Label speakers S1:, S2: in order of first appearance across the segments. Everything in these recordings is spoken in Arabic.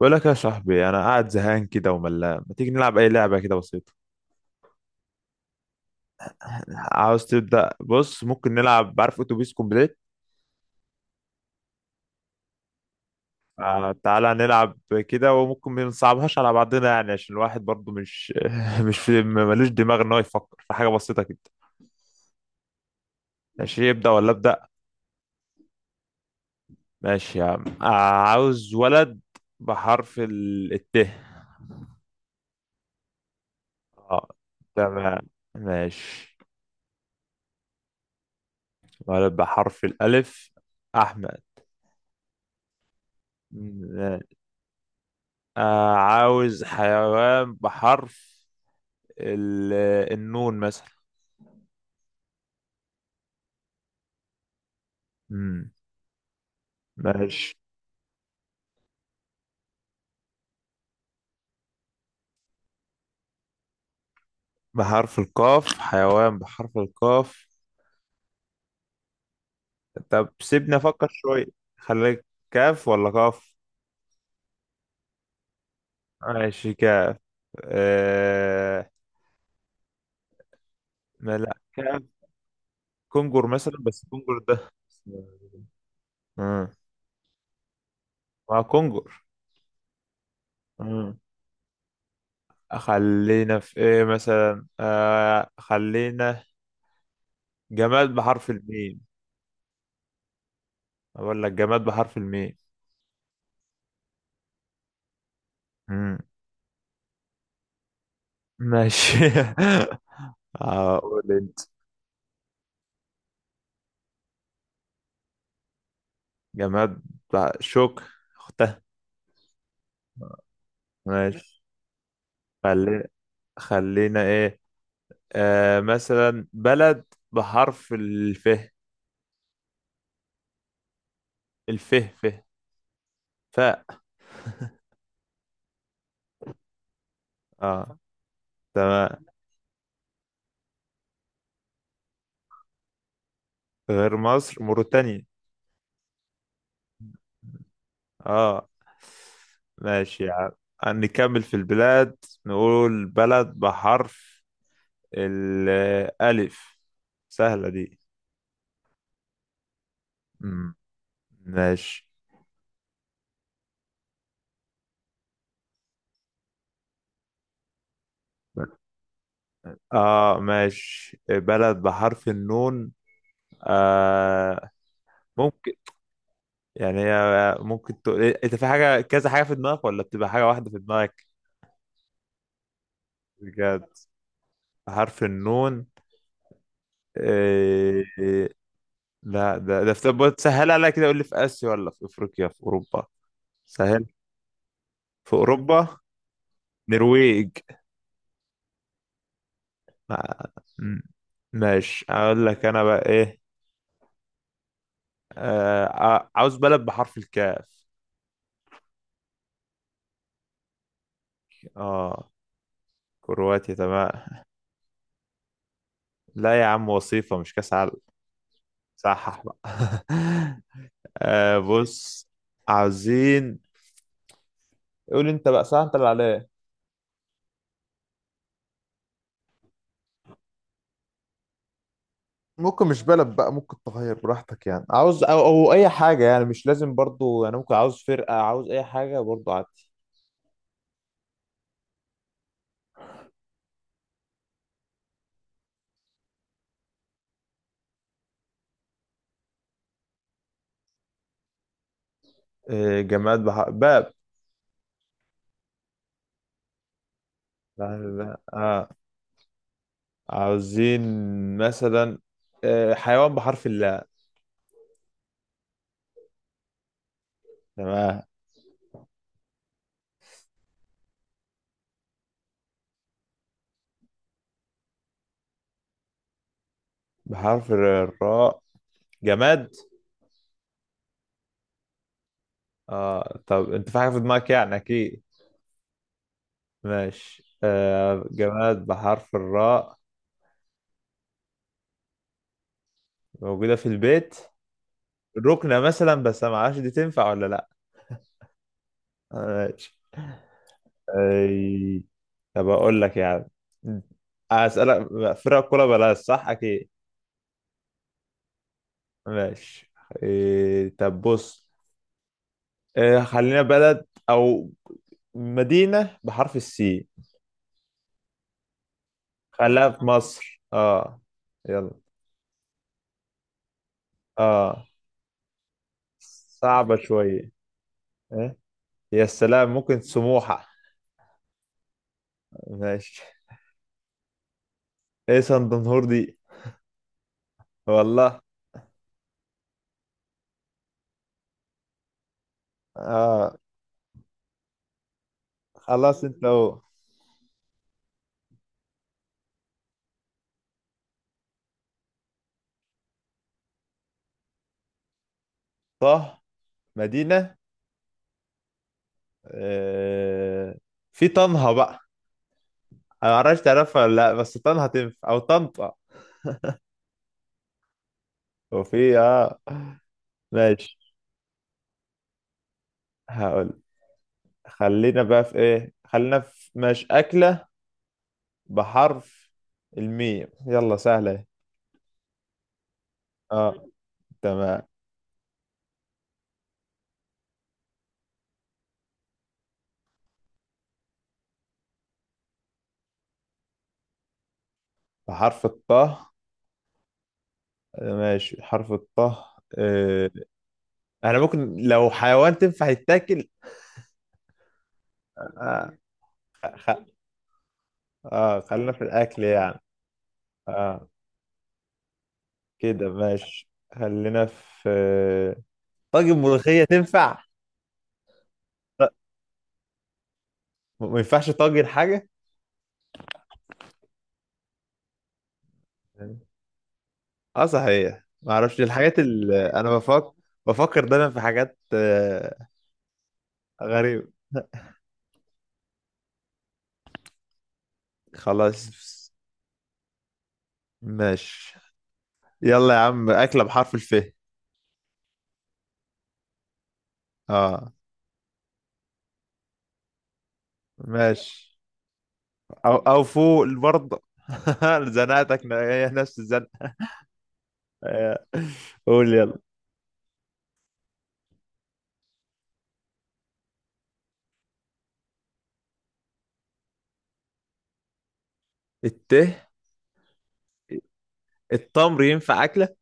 S1: بقول لك يا صاحبي، انا قاعد زهقان كده وملان. ما تيجي نلعب اي لعبه كده بسيطه؟ عاوز تبدا؟ بص، ممكن نلعب. عارف اتوبيس كومبليت؟ آه، تعالى نلعب كده. وممكن ما نصعبهاش على بعضنا، يعني عشان الواحد برضو مش مش في ملوش دماغ ان هو يفكر في حاجه بسيطه كده. ماشي. يبدا ولا ابدا؟ ماشي يا عم. آه، عاوز ولد بحرف الت. اه، تمام. ماشي. ولد بحرف الالف، احمد. آه، عاوز حيوان بحرف ال- النون مثلا. امم ماشي. بحرف القاف؟ حيوان بحرف القاف؟ طب سيبني افكر شوية. خليك. كاف ولا قاف؟ ماشي، كاف. آه، ما لا كاف. كونجر مثلا، بس كونجر ده. امم مع كونجر. امم خلينا في ايه مثلا، آه، خلينا جماد بحرف الميم. اقول لك جماد بحرف الميم. مم. ماشي. هقول انت. جماد بقى شوك، اختها. ماشي. خلي، خلينا ايه، آه، مثلا بلد بحرف الف. الف، ف، ف. اه، تمام. غير مصر، موريتانيا. اه، ماشي يا عم. نكمل في البلاد. نقول بلد بحرف الألف، سهلة دي. مم. ماشي. اه، ماشي. بلد بحرف النون. آه، ممكن. يعني هي ممكن تقول إيه، انت في حاجة كذا حاجة في دماغك ولا بتبقى حاجة واحدة في دماغك؟ بجد. بحرف النون. إيه... لا، ده في. طب سهل عليا كده. قول لي، في آسيا ولا في أفريقيا في أوروبا؟ سهل. في أوروبا. نرويج. آه، م- ماشي. اقول لك انا بقى ايه. آه، عاوز بلد بحرف الكاف. اه، كرواتيا. تمام. لا يا عم، وصيفة مش كاس عالم. صحح بقى. آه، بص، عاوزين. قول انت بقى. صح، انت اللي عليا. ممكن مش بلد بقى، ممكن تغير براحتك. يعني عاوز أو اي حاجة، يعني مش لازم برضو. يعني ممكن عاوز فرقة، عاوز اي حاجة برضو عادي. آه، جماد باب. لا، آه. عاوزين مثلا، آه، حيوان بحرف اللاء. تمام. بحرف الراء، جماد. اه. طب انت في حاجة في دماغك يعني؟ اكيد. ماشي. آه، جماد بحرف الراء. موجودة في البيت. ركنة مثلا، بس ما اعرفش دي تنفع ولا لا. ماشي. أي، طب اقول لك يعني، اسألك فرق كوره بلاش، صح؟ اكيد. ماشي. إيه، طب بص، إيه، خلينا بلد او مدينة بحرف خليها في مصر. اه، يلا. اه، صعبة شوية. إيه؟ يا سلام، ممكن سموحة. ماشي. ايه سندنهور دي؟ والله. اه، خلاص انت اهو. طه. مدينة. آه، في طنها بقى. انا معرفش تعرفها ولا لا، بس طنها تنفع او طنطا. وفي، اه. ماشي. هقول خلينا بقى في ايه، خلينا في مش أكلة بحرف الميم، يلا، سهلة اهي. اه، تمام. بحرف الطه. آه، ماشي. حرف الطه. آه. انا ممكن لو حيوان تنفع يتاكل؟ آه. آه، اه خلينا في الاكل يعني. اه، كده ماشي. خلينا في طاجن ملوخية، تنفع؟ لا. ما ينفعش طاجن حاجة؟ اه صحيح، ما اعرفش. الحاجات اللي انا بفكر، بفكر دايما في حاجات آه، غريبة. خلاص ماشي. يلا يا عم، أكلة بحرف الف. اه، ماشي. او فوق برضه. زنقتك هي نفس الزنقة. آه. قول يلا. الت. التمر ينفع أكلة؟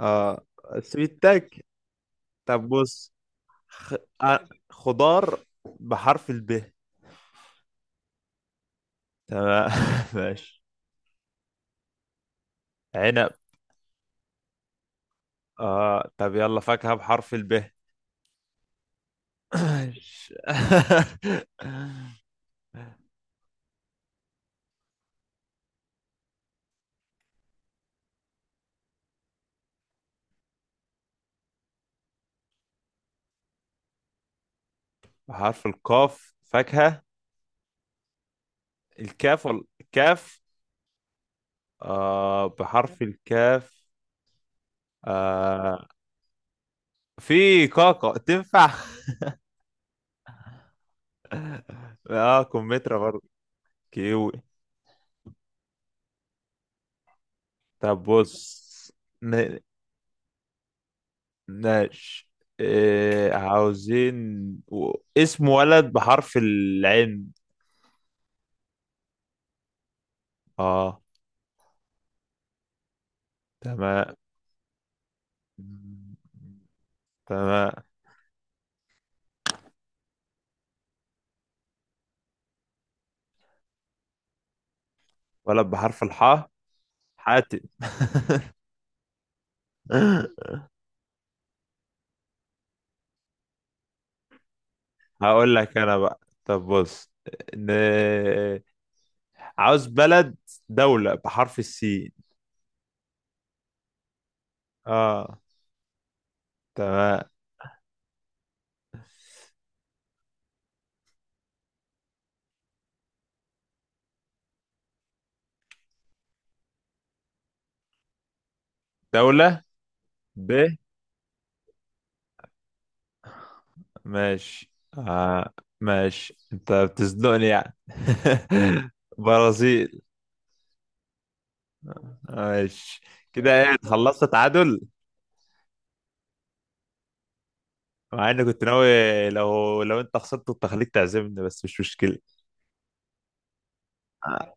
S1: اه، سويتك. طب بص، خ... آه، خضار بحرف الب. تمام. ماشي. عنب. اه، طب يلا، فاكهة بحرف الب. بحرف القاف فاكهة. الكاف ولا الكاف؟ آه، بحرف الكاف. آه، في كاكا تنفع. اه، كمثرى برضه. كيوي. طب بص. ن- ماشي. إيه، عاوزين، و... اسم ولد بحرف العين. اه، تمام. تمام. ولد بحرف الحاء، حاتم. هقول لك انا بقى. طب بص، ن... عاوز بلد، دولة بحرف السين. اه، تمام. دولة ب. ماشي. آه. ماشي، انت بتزنقني يعني. برازيل. ماشي. كده ايه، خلصت تعادل. مع اني كنت ناوي لو انت خسرت كنت هخليك تعزمني، بس مش مشكلة. آه،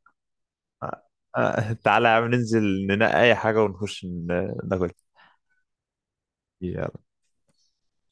S1: آه، آه، تعالى يا عم ننزل ننقي اي حاجة ونخش ناكل. يلا.